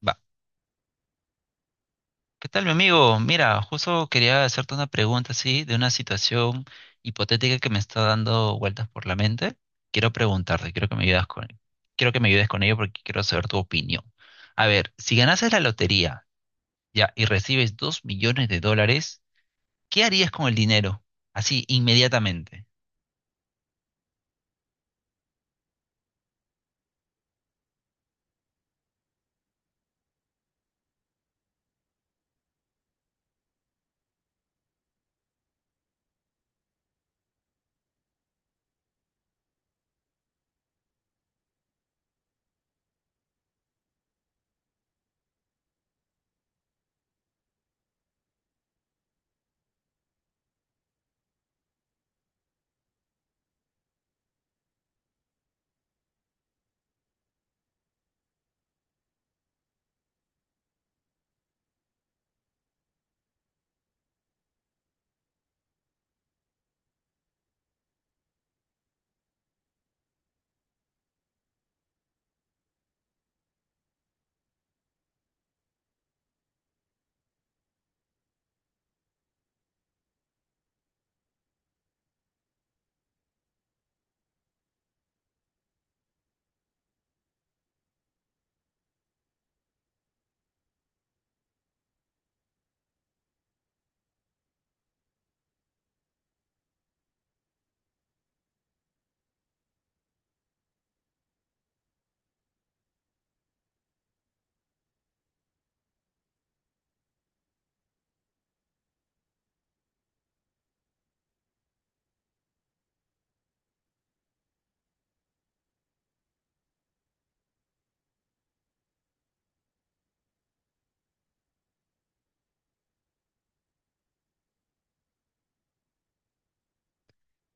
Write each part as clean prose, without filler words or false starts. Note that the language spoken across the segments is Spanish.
Va. ¿Qué tal, mi amigo? Mira, justo quería hacerte una pregunta así de una situación hipotética que me está dando vueltas por la mente. Quiero preguntarte, quiero que me ayudes con ello porque quiero saber tu opinión. A ver, si ganases la lotería ya y recibes dos millones de dólares, ¿qué harías con el dinero? Así, inmediatamente.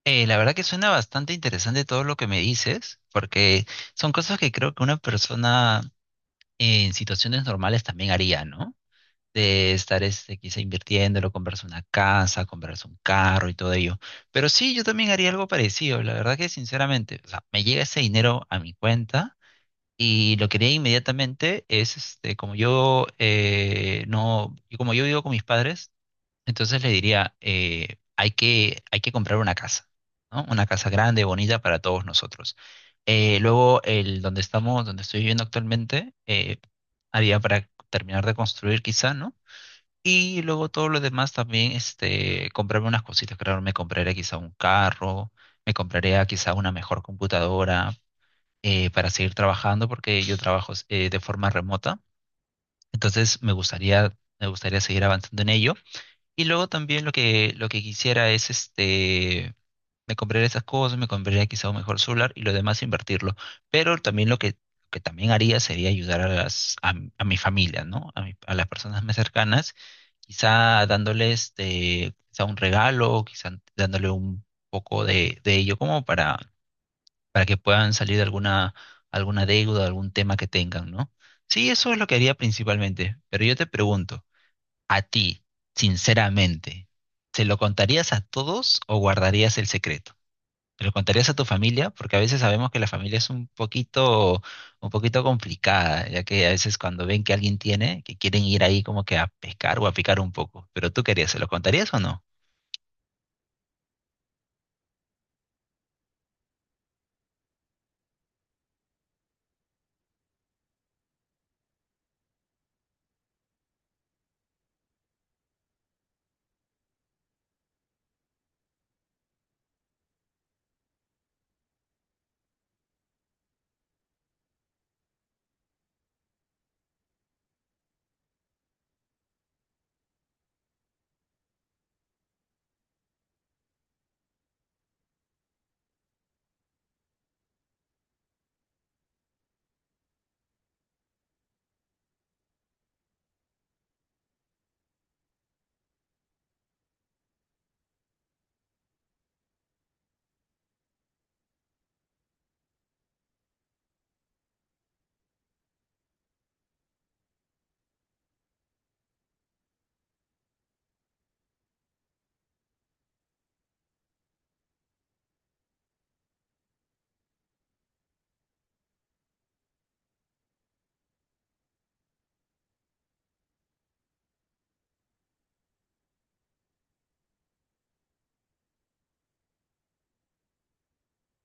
La verdad que suena bastante interesante todo lo que me dices, porque son cosas que creo que una persona en situaciones normales también haría, ¿no? De estar este, quizá invirtiéndolo, comprarse una casa, comprarse un carro y todo ello. Pero sí, yo también haría algo parecido. La verdad que sinceramente, o sea, me llega ese dinero a mi cuenta y lo que haría inmediatamente es, este, como yo no, y como yo vivo con mis padres, entonces les diría, hay que comprar una casa, ¿no? Una casa grande, bonita para todos nosotros. Luego, el donde estamos, donde estoy viviendo actualmente, había para terminar de construir quizá, ¿no? Y luego todo lo demás también, este, comprarme unas cositas, claro, me compraré quizá un carro, me compraré quizá una mejor computadora para seguir trabajando, porque yo trabajo de forma remota, entonces me gustaría seguir avanzando en ello. Y luego también lo que quisiera es este me compraría esas cosas, me compraría quizá un mejor celular y lo demás invertirlo. Pero también que también haría sería ayudar a a mi familia, ¿no? A las personas más cercanas, quizá dándoles este, quizá un regalo, quizá dándole un poco de ello como para que puedan salir de alguna, alguna deuda, algún tema que tengan, ¿no? Sí, eso es lo que haría principalmente. Pero yo te pregunto, a ti, sinceramente, ¿se lo contarías a todos o guardarías el secreto? ¿Te lo contarías a tu familia? Porque a veces sabemos que la familia es un poquito complicada, ya que a veces cuando ven que alguien tiene, que quieren ir ahí como que a pescar o a picar un poco. Pero tú querías, ¿se lo contarías o no?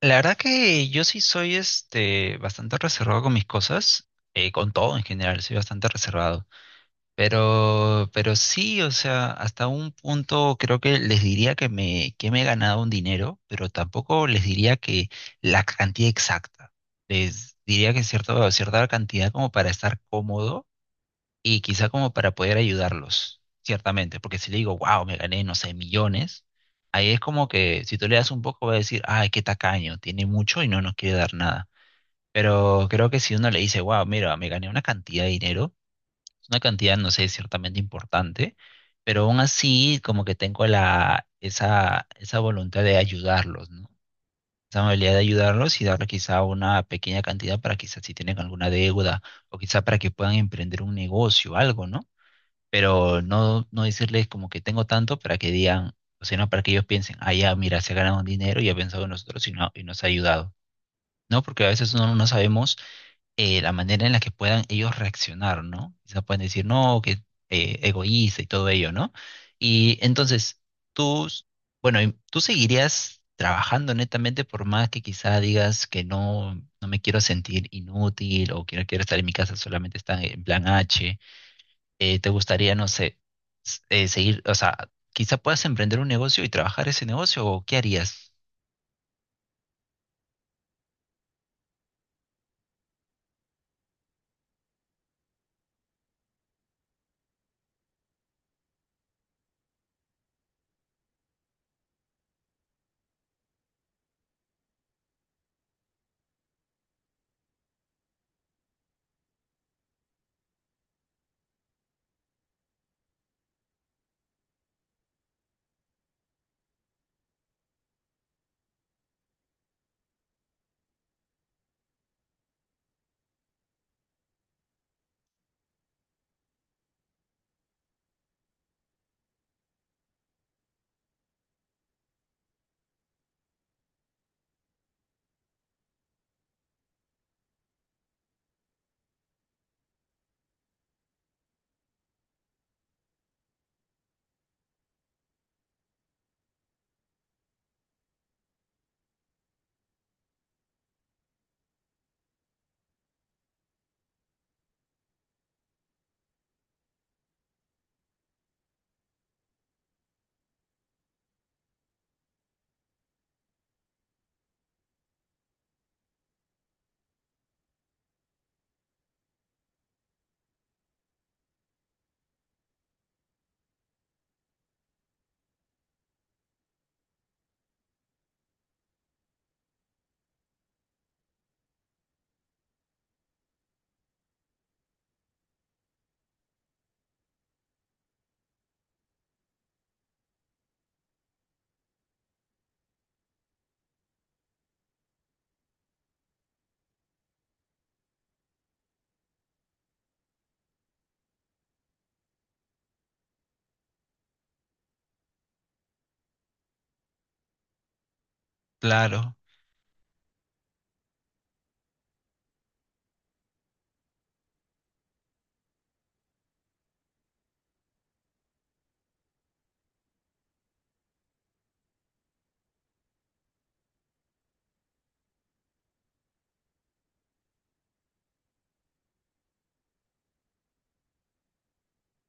La verdad que yo sí soy este bastante reservado con mis cosas, con todo en general, soy bastante reservado. Pero sí, o sea, hasta un punto creo que les diría que me he ganado un dinero, pero tampoco les diría que la cantidad exacta. Les diría cierta cantidad como para estar cómodo y quizá como para poder ayudarlos, ciertamente. Porque si le digo, wow, me gané, no sé, millones, ahí es como que si tú le das un poco va a decir, ay, qué tacaño, tiene mucho y no nos quiere dar nada. Pero creo que si uno le dice, wow, mira, me gané una cantidad de dinero es una cantidad, no sé, ciertamente importante, pero aún así como que tengo esa voluntad de ayudarlos, ¿no? Esa amabilidad de ayudarlos y darles quizá una pequeña cantidad para quizás si tienen alguna deuda o quizá para que puedan emprender un negocio, algo, ¿no? Pero no, no decirles como que tengo tanto para que digan, o sea, no para que ellos piensen, ah, ya, mira, se ha ganado un dinero y ha pensado en nosotros y nos ha ayudado, ¿no? Porque a veces uno no sabemos la manera en la que puedan ellos reaccionar, ¿no? Quizá pueden decir, no, que egoísta y todo ello, ¿no? Y entonces, tú, s- bueno, y tú seguirías trabajando netamente por más que quizá digas que no, no me quiero sentir inútil o que no quiero estar en mi casa, solamente está en plan H. ¿Te gustaría, no sé, seguir, o sea, quizá puedas emprender un negocio y trabajar ese negocio o qué harías? Claro,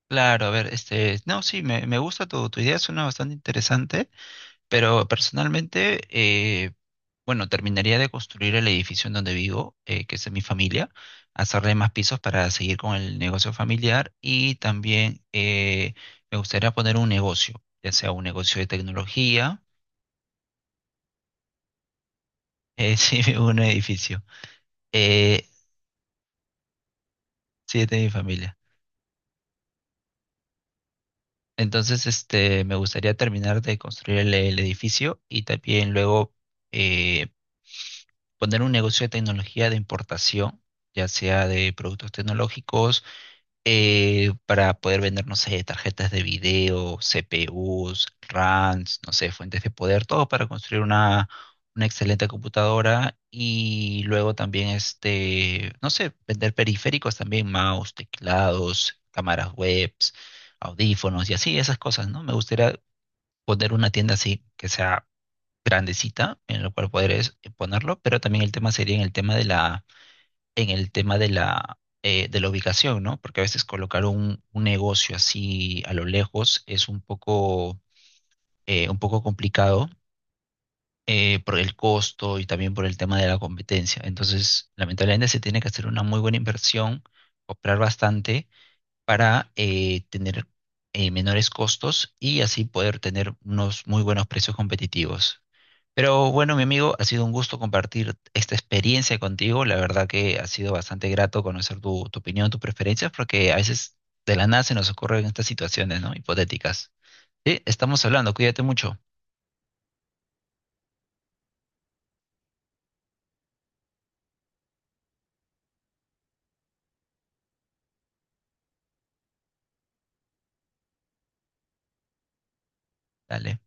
claro, a ver, este, no, sí, me gusta tu, tu idea, suena bastante interesante. Pero personalmente, bueno, terminaría de construir el edificio en donde vivo, que es de mi familia, hacerle más pisos para seguir con el negocio familiar y también me gustaría poner un negocio, ya sea un negocio de tecnología, sí, un edificio, eh, sí, es de mi familia. Entonces, este, me gustaría terminar de construir el edificio y también luego... eh, poner un negocio de tecnología de importación, ya sea de productos tecnológicos, para poder vender, no sé, tarjetas de video, CPUs, RAMs, no sé, fuentes de poder, todo para construir una excelente computadora y luego también, este, no sé, vender periféricos también, mouse, teclados, cámaras webs, audífonos y así, esas cosas, ¿no? Me gustaría poner una tienda así, que sea grandecita en la cual podrías ponerlo, pero también el tema sería en el tema de la, en el tema de la ubicación, ¿no? Porque a veces colocar un negocio así a lo lejos es un poco complicado. Por el costo y también por el tema de la competencia. Entonces, lamentablemente se tiene que hacer una muy buena inversión, comprar bastante para tener menores costos y así poder tener unos muy buenos precios competitivos. Pero bueno, mi amigo, ha sido un gusto compartir esta experiencia contigo. La verdad que ha sido bastante grato conocer tu, tu opinión, tus preferencias, porque a veces de la nada se nos ocurren estas situaciones, ¿no? Hipotéticas. Sí, estamos hablando, cuídate mucho. Dale.